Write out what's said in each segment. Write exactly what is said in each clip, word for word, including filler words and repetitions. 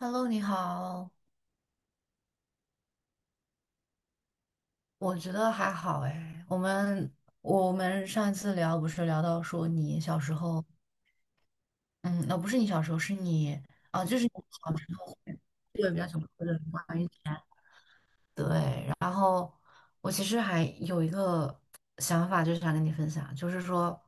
Hello，你好，我觉得还好哎。我们我们上一次聊不是聊到说你小时候，嗯，呃，不是你小时候，是你啊，就是你小时候会对比较喜欢或者关于钱。对，然后我其实还有一个想法，就是想跟你分享，就是说，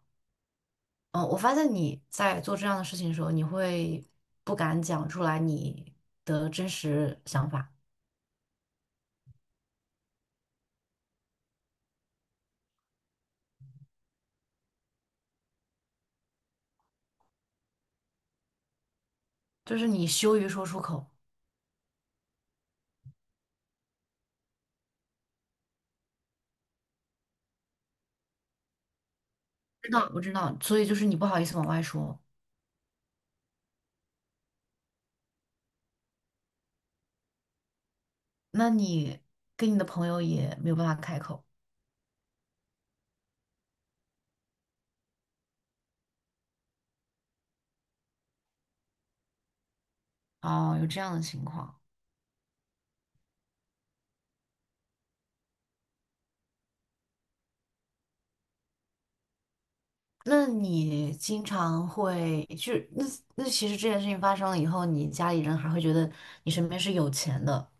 嗯，我发现你在做这样的事情的时候，你会不敢讲出来你的真实想法，就是你羞于说出口。知道，我知道，所以就是你不好意思往外说，那你跟你的朋友也没有办法开口。哦，有这样的情况，那你经常会就那那其实这件事情发生了以后，你家里人还会觉得你身边是有钱的。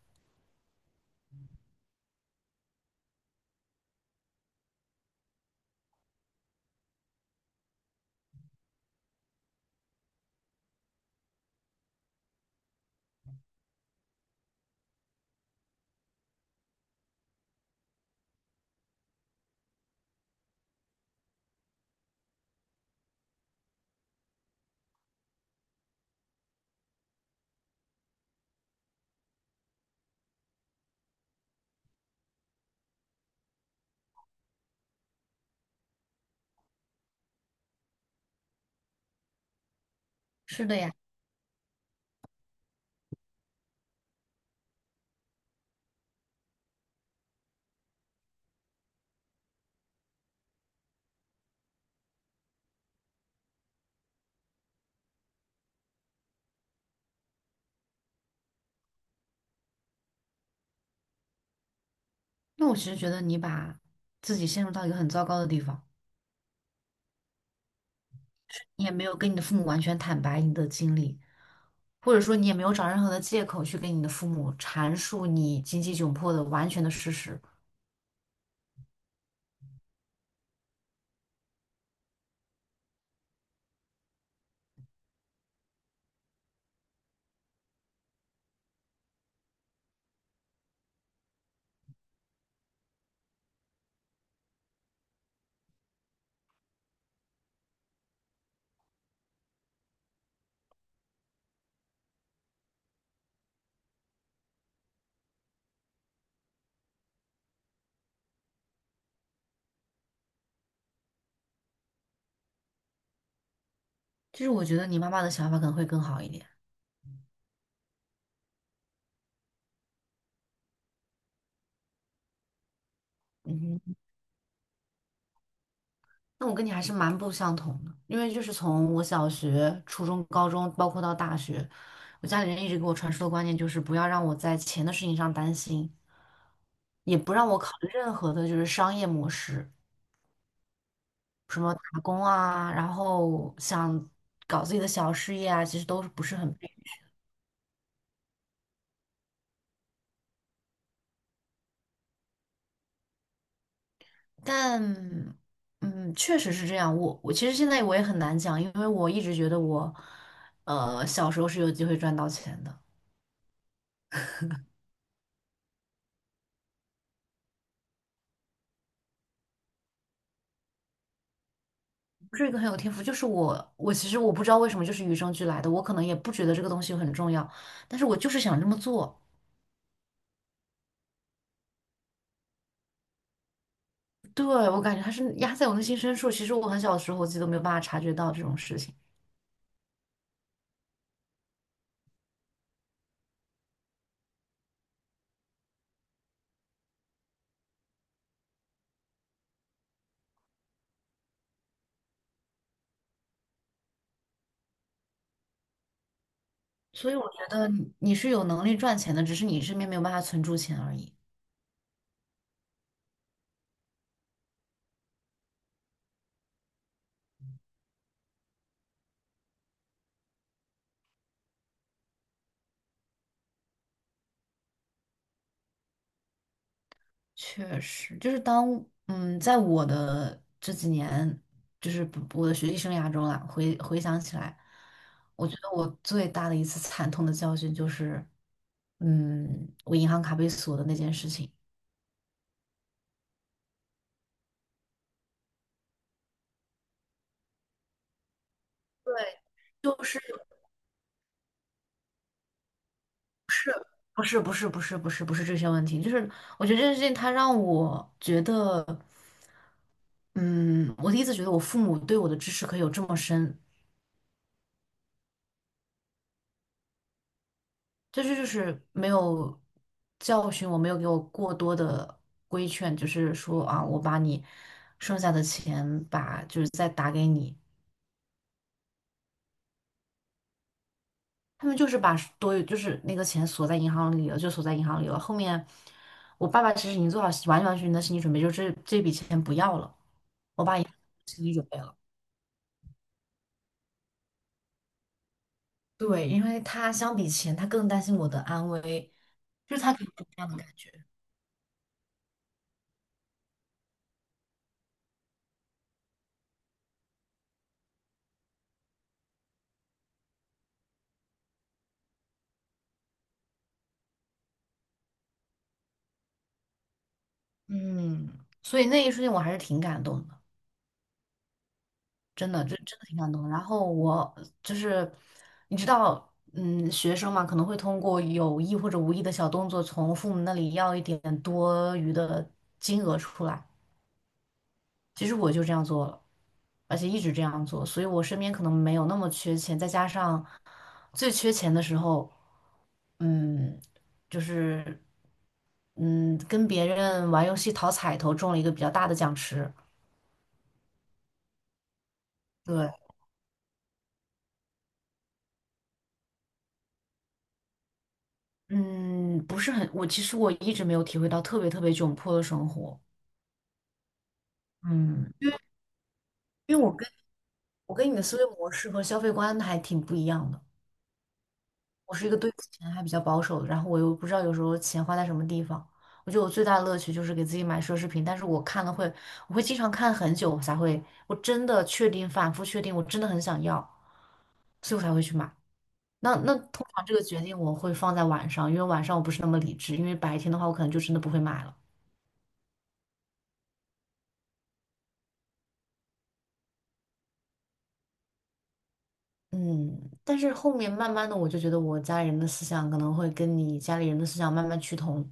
是的呀，那我其实觉得你把自己陷入到一个很糟糕的地方，你也没有跟你的父母完全坦白你的经历，或者说你也没有找任何的借口去跟你的父母阐述你经济窘迫的完全的事实。就是我觉得你妈妈的想法可能会更好一点。嗯哼，那我跟你还是蛮不相同的，因为就是从我小学、初中、高中，包括到大学，我家里人一直给我传输的观念就是不要让我在钱的事情上担心，也不让我考虑任何的就是商业模式，什么打工啊，然后想搞自己的小事业啊，其实都是不是很配但嗯，确实是这样。我我其实现在我也很难讲，因为我一直觉得我，呃，小时候是有机会赚到钱的。不是一个很有天赋，就是我，我其实我不知道为什么就是与生俱来的，我可能也不觉得这个东西很重要，但是我就是想这么做。对，我感觉它是压在我内心深处，其实我很小的时候我自己都没有办法察觉到这种事情，所以我觉得你你是有能力赚钱的，只是你身边没有办法存住钱而已。确实，就是当嗯，在我的这几年，就是不我的学习生涯中啊，回回想起来，我觉得我最大的一次惨痛的教训就是，嗯，我银行卡被锁的那件事情。对，就是不是不是不是不是不是这些问题，就是我觉得这件事情它让我觉得，嗯，我第一次觉得我父母对我的支持可以有这么深，这就是就是没有教训我，没有给我过多的规劝，就是说啊，我把你剩下的钱把就是再打给你，他们就是把多余就是那个钱锁在银行里了，就锁在银行里了。后面我爸爸其实已经做好完完全全的心理准备，就是这这笔钱不要了，我爸也心理准备了。对，因为他相比钱，他更担心我的安危，就是他给我这样的感觉。嗯，所以那一瞬间我还是挺感动的。真的，这真的挺感动的。然后我就是，你知道，嗯，学生嘛，可能会通过有意或者无意的小动作，从父母那里要一点多余的金额出来。其实我就这样做了，而且一直这样做，所以我身边可能没有那么缺钱。再加上最缺钱的时候，嗯，就是嗯，跟别人玩游戏讨彩头中了一个比较大的奖池。对，嗯，不是很，我其实我一直没有体会到特别特别窘迫的生活，嗯，因为我跟我跟你的思维模式和消费观还挺不一样的。我是一个对钱还比较保守的，然后我又不知道有时候钱花在什么地方。我觉得我最大的乐趣就是给自己买奢侈品，但是我看了会，我会经常看很久才会，我真的确定，反复确定，我真的很想要，所以我才会去买。那那通常这个决定我会放在晚上，因为晚上我不是那么理智，因为白天的话我可能就真的不会买了。嗯，但是后面慢慢的，我就觉得我家里人的思想可能会跟你家里人的思想慢慢趋同。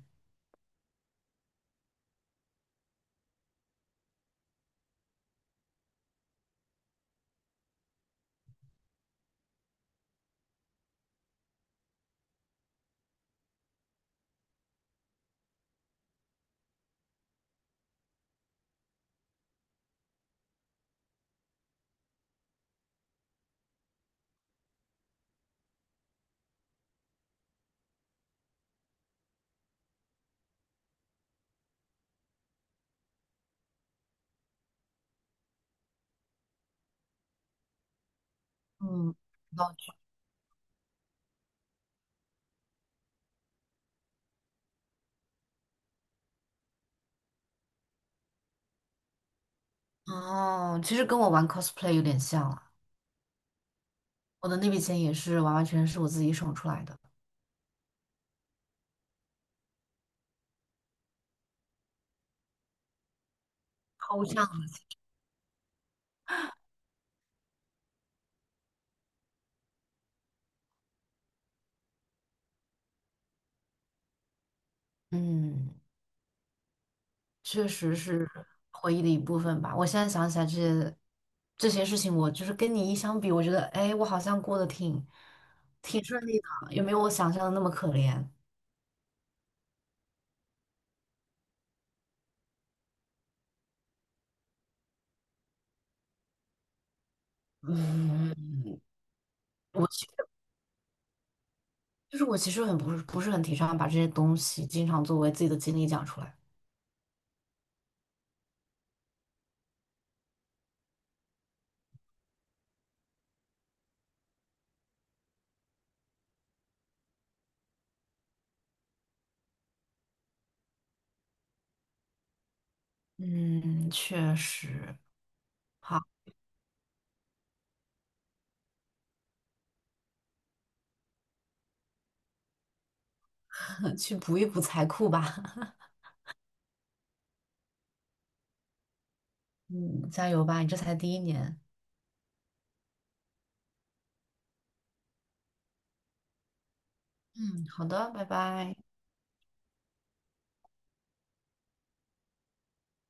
嗯，哦，其实跟我玩 cosplay 有点像了，我的那笔钱也是完完全全是我自己省出来的。抽象的嗯，确实是回忆的一部分吧。我现在想起来这些这些事情，我就是跟你一相比，我觉得，哎，我好像过得挺挺顺利的，也没有我想象的那么可怜。嗯，我。就是我其实很不是不是很提倡把这些东西经常作为自己的经历讲出来。嗯，确实，好，去补一补财库吧。嗯，加油吧，你这才第一年。嗯，好的，拜拜。